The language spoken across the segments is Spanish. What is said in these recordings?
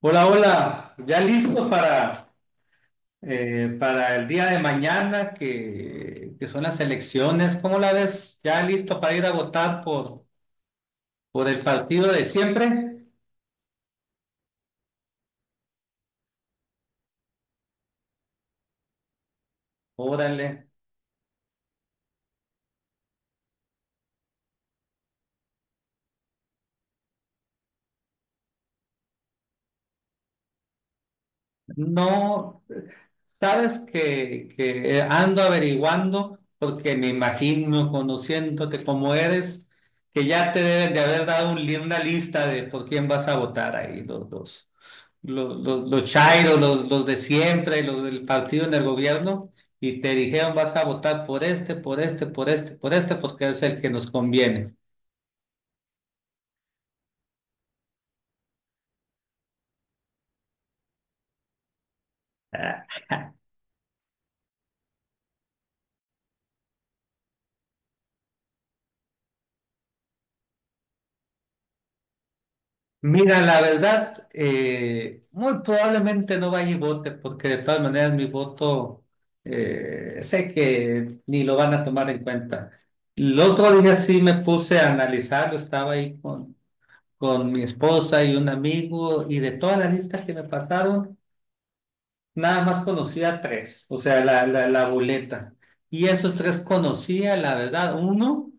Hola, hola, ya listo para el día de mañana que son las elecciones. ¿Cómo la ves? ¿Ya listo para ir a votar por el partido de siempre? Órale. No, sabes que ando averiguando porque me imagino, conociéndote como eres, que ya te deben de haber dado una lista de por quién vas a votar ahí los dos. Los chairos, los de siempre, los del partido en el gobierno, y te dijeron vas a votar por este, por este, por este, por este, porque es el que nos conviene. Ah. Mira, la verdad, muy probablemente no vaya y vote, porque de todas maneras mi voto sé que ni lo van a tomar en cuenta. El otro día sí me puse a analizarlo, estaba ahí con mi esposa y un amigo, y de toda la lista que me pasaron, nada más conocía tres, o sea, la boleta. Y esos tres conocía, la verdad, uno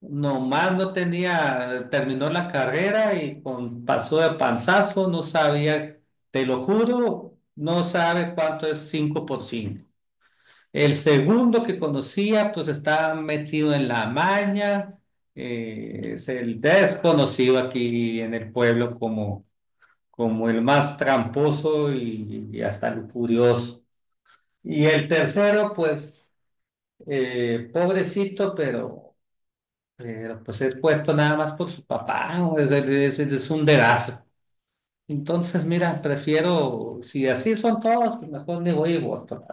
nomás no tenía, terminó la carrera y con, pasó de panzazo, no sabía, te lo juro, no sabe cuánto es 5 por cinco. El segundo que conocía, pues estaba metido en la maña, es el desconocido aquí en el pueblo como, como el más tramposo y hasta lujurioso. Y el tercero, pues, pobrecito, pero, pues es puesto nada más por su papá, ¿no? Es un dedazo. Entonces, mira, prefiero, si así son todos, pues mejor me voy y voto.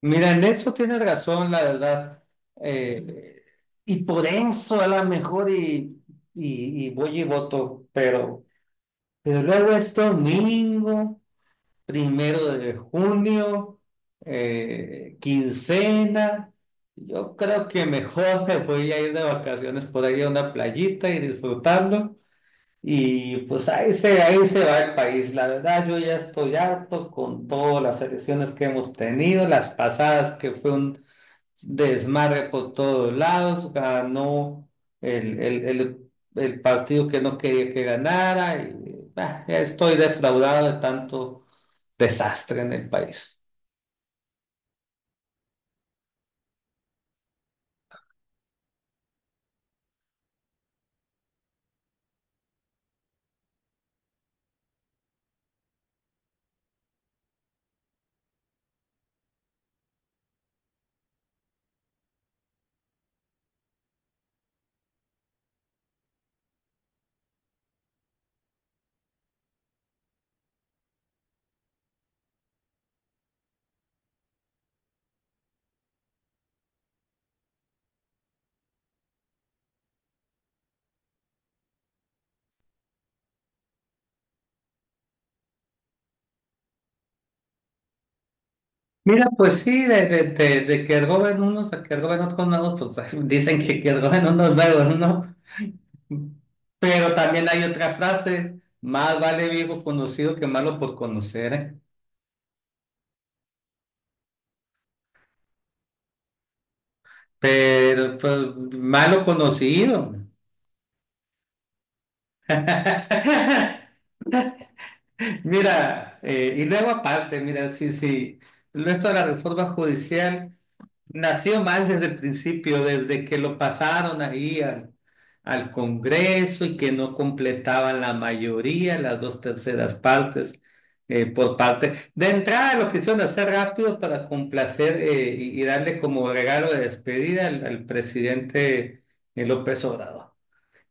Mira, en eso tienes razón, la verdad. Eh, y por eso a lo mejor y voy y voto, pero luego es domingo. Primero de junio, quincena. Yo creo que mejor me voy a ir de vacaciones por ahí a una playita y disfrutarlo. Y pues ahí se va el país. La verdad, yo ya estoy harto con todas las elecciones que hemos tenido, las pasadas que fue un desmadre por todos lados, ganó el partido que no quería que ganara. Y, bah, ya estoy defraudado de tanto desastre en el país. Mira, pues sí, de que roben unos a que roben otros nuevos, pues dicen que roben unos nuevos, ¿no? Pero también hay otra frase, más vale viejo conocido que malo por conocer, ¿eh? Pero pues, malo conocido. Mira, y luego aparte, mira, sí, sí, el resto de la reforma judicial. Nació mal desde el principio, desde que lo pasaron ahí al, al Congreso y que no completaban la mayoría, las dos terceras partes por parte. De entrada lo quisieron hacer rápido para complacer y darle como regalo de despedida al, al presidente López Obrador.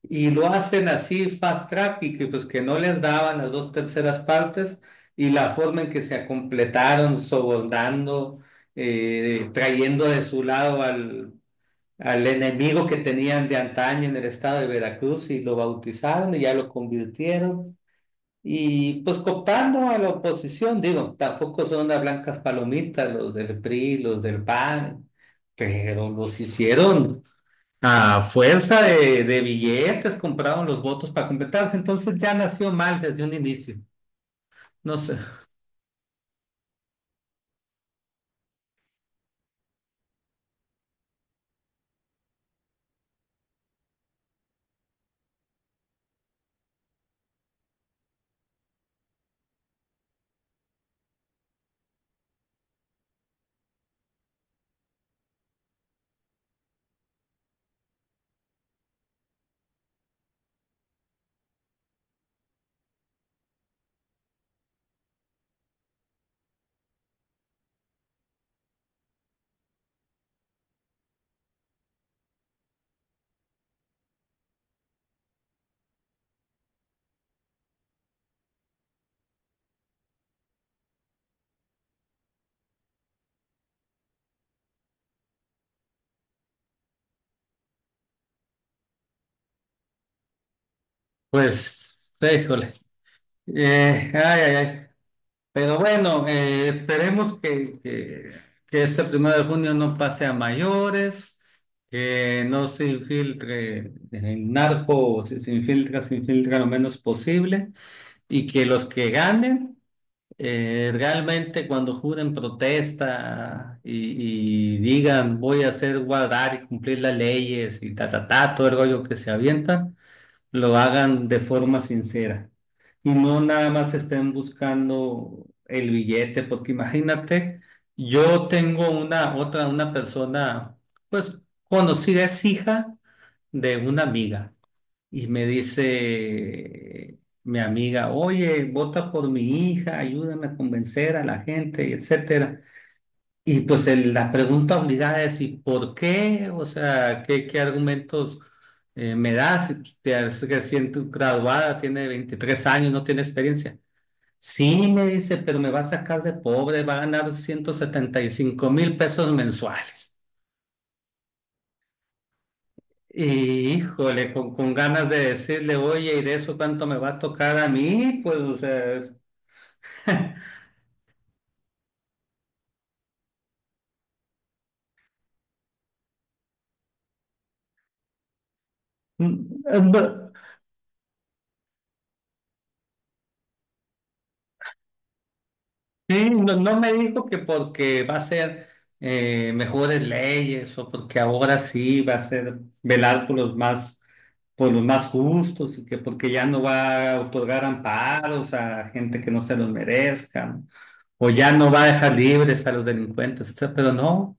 Y lo hacen así fast track y que pues que no les daban las dos terceras partes y la forma en que se completaron, sobornando, trayendo de su lado al, al enemigo que tenían de antaño en el estado de Veracruz y lo bautizaron y ya lo convirtieron. Y pues cooptando a la oposición, digo, tampoco son unas blancas palomitas los del PRI, los del PAN, pero los hicieron a fuerza de billetes compraron los votos para completarse, entonces ya nació mal desde un inicio. No sé, pues, híjole. Ay, ay, ay. Pero bueno, esperemos que este primero de junio no pase a mayores, que no se infiltre el narco, o si se infiltra, se infiltra lo menos posible, y que los que ganen. Realmente cuando juren protesta y digan voy a hacer guardar y cumplir las leyes y ta, ta, ta, todo el rollo que se avientan, lo hagan de forma sincera y no nada más estén buscando el billete, porque imagínate, yo tengo una otra, una persona, pues conocida, es hija de una amiga. Y me dice mi amiga, oye, vota por mi hija, ayúdame a convencer a la gente, y etcétera. Y pues la pregunta obligada es, ¿y por qué? O sea, ¿qué argumentos me das? Y, pues, te has recién graduada, tiene 23 años, no tiene experiencia. Sí, me dice, pero me va a sacar de pobre, va a ganar 175,000 pesos mensuales. Y, híjole, con ganas de decirle, oye, ¿y de eso cuánto me va a tocar a mí? Pues, o sea, no, sí, no me dijo que porque va a ser mejores leyes o porque ahora sí va a ser velar por los más justos y que porque ya no va a otorgar amparos a gente que no se los merezca o ya no va a dejar libres a los delincuentes, etcétera. Pero no,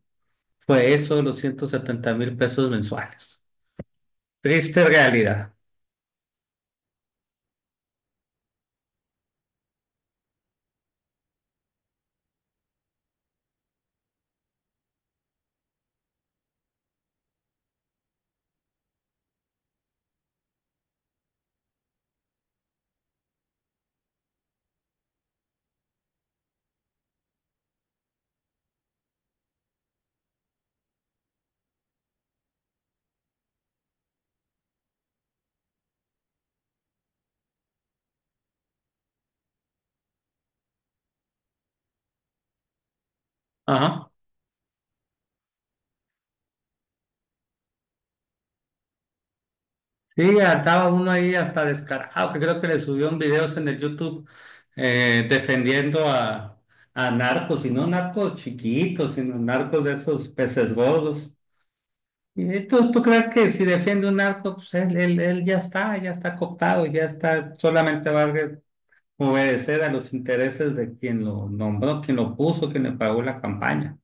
fue eso, los 170,000 pesos mensuales. Triste realidad. Ajá. Sí, andaba uno ahí hasta descarado, que creo que le subió un videos en el YouTube defendiendo a narcos, y no narcos chiquitos, sino narcos de esos peces gordos. ¿Y tú crees que si defiende un narco, pues él ya está cooptado, ya está, solamente va a obedecer a los intereses de quien lo nombró, quien lo puso, quien le pagó la campaña?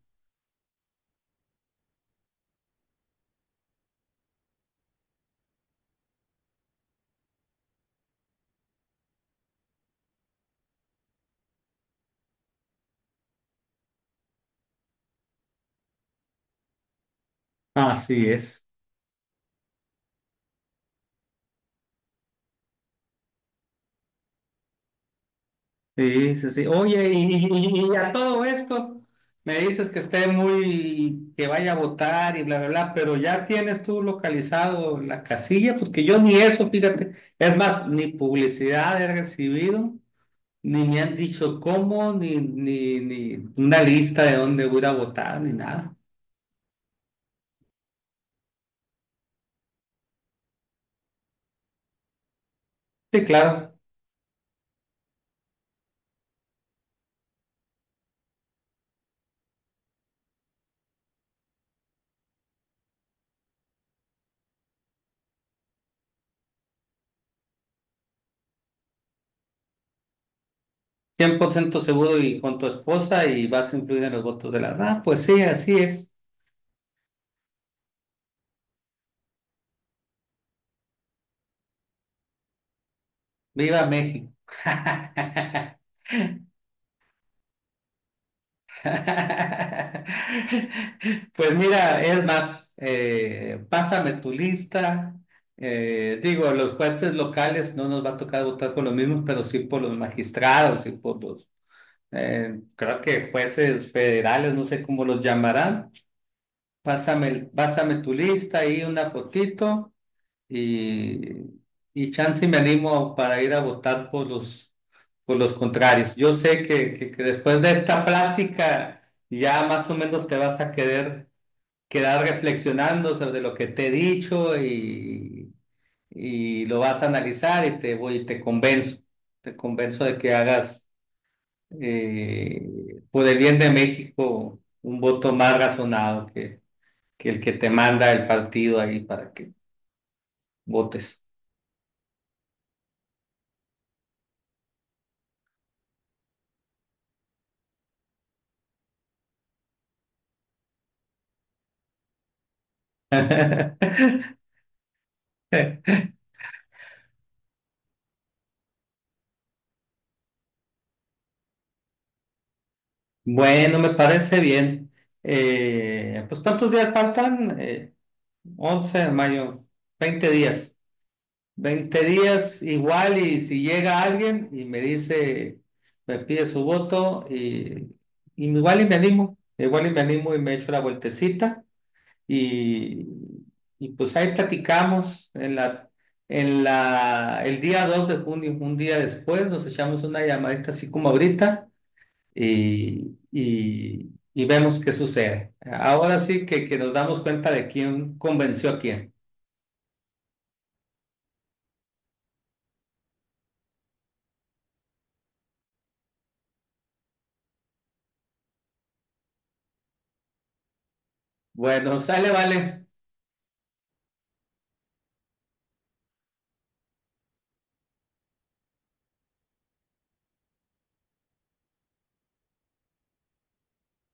Así es. Sí, sí, sí. Oye, y a todo esto me dices que esté muy, que vaya a votar y bla, bla, bla, pero ya tienes tú localizado la casilla, pues que yo ni eso, fíjate, es más, ni publicidad he recibido, ni me han dicho cómo, ni, ni, ni una lista de dónde voy a ir a votar, ni nada. Sí, claro, 100% seguro y con tu esposa y vas a influir en los votos de la... Ah, pues sí, así es. Viva México. Pues mira, es más, pásame tu lista. Digo, los jueces locales no nos va a tocar votar por los mismos, pero sí por los magistrados y por los, creo que jueces federales, no sé cómo los llamarán. Pásame, pásame tu lista y una fotito y, y chance me animo para ir a votar por los contrarios. Yo sé que después de esta plática ya más o menos te vas a querer quedar reflexionando sobre lo que te he dicho y lo vas a analizar y te voy, te convenzo de que hagas eh, por el bien de México un voto más razonado que el que te manda el partido ahí para que votes. Bueno, me parece bien. Pues ¿cuántos días faltan? 11 de mayo, 20 días. 20 días igual y si llega alguien y me dice, me pide su voto y igual y me animo, igual y me animo y me echo la vueltecita y, y pues ahí platicamos en la, el día 2 de junio, un día después, nos echamos una llamadita así como ahorita y, y vemos qué sucede. Ahora sí que nos damos cuenta de quién convenció a quién. Bueno, sale, vale.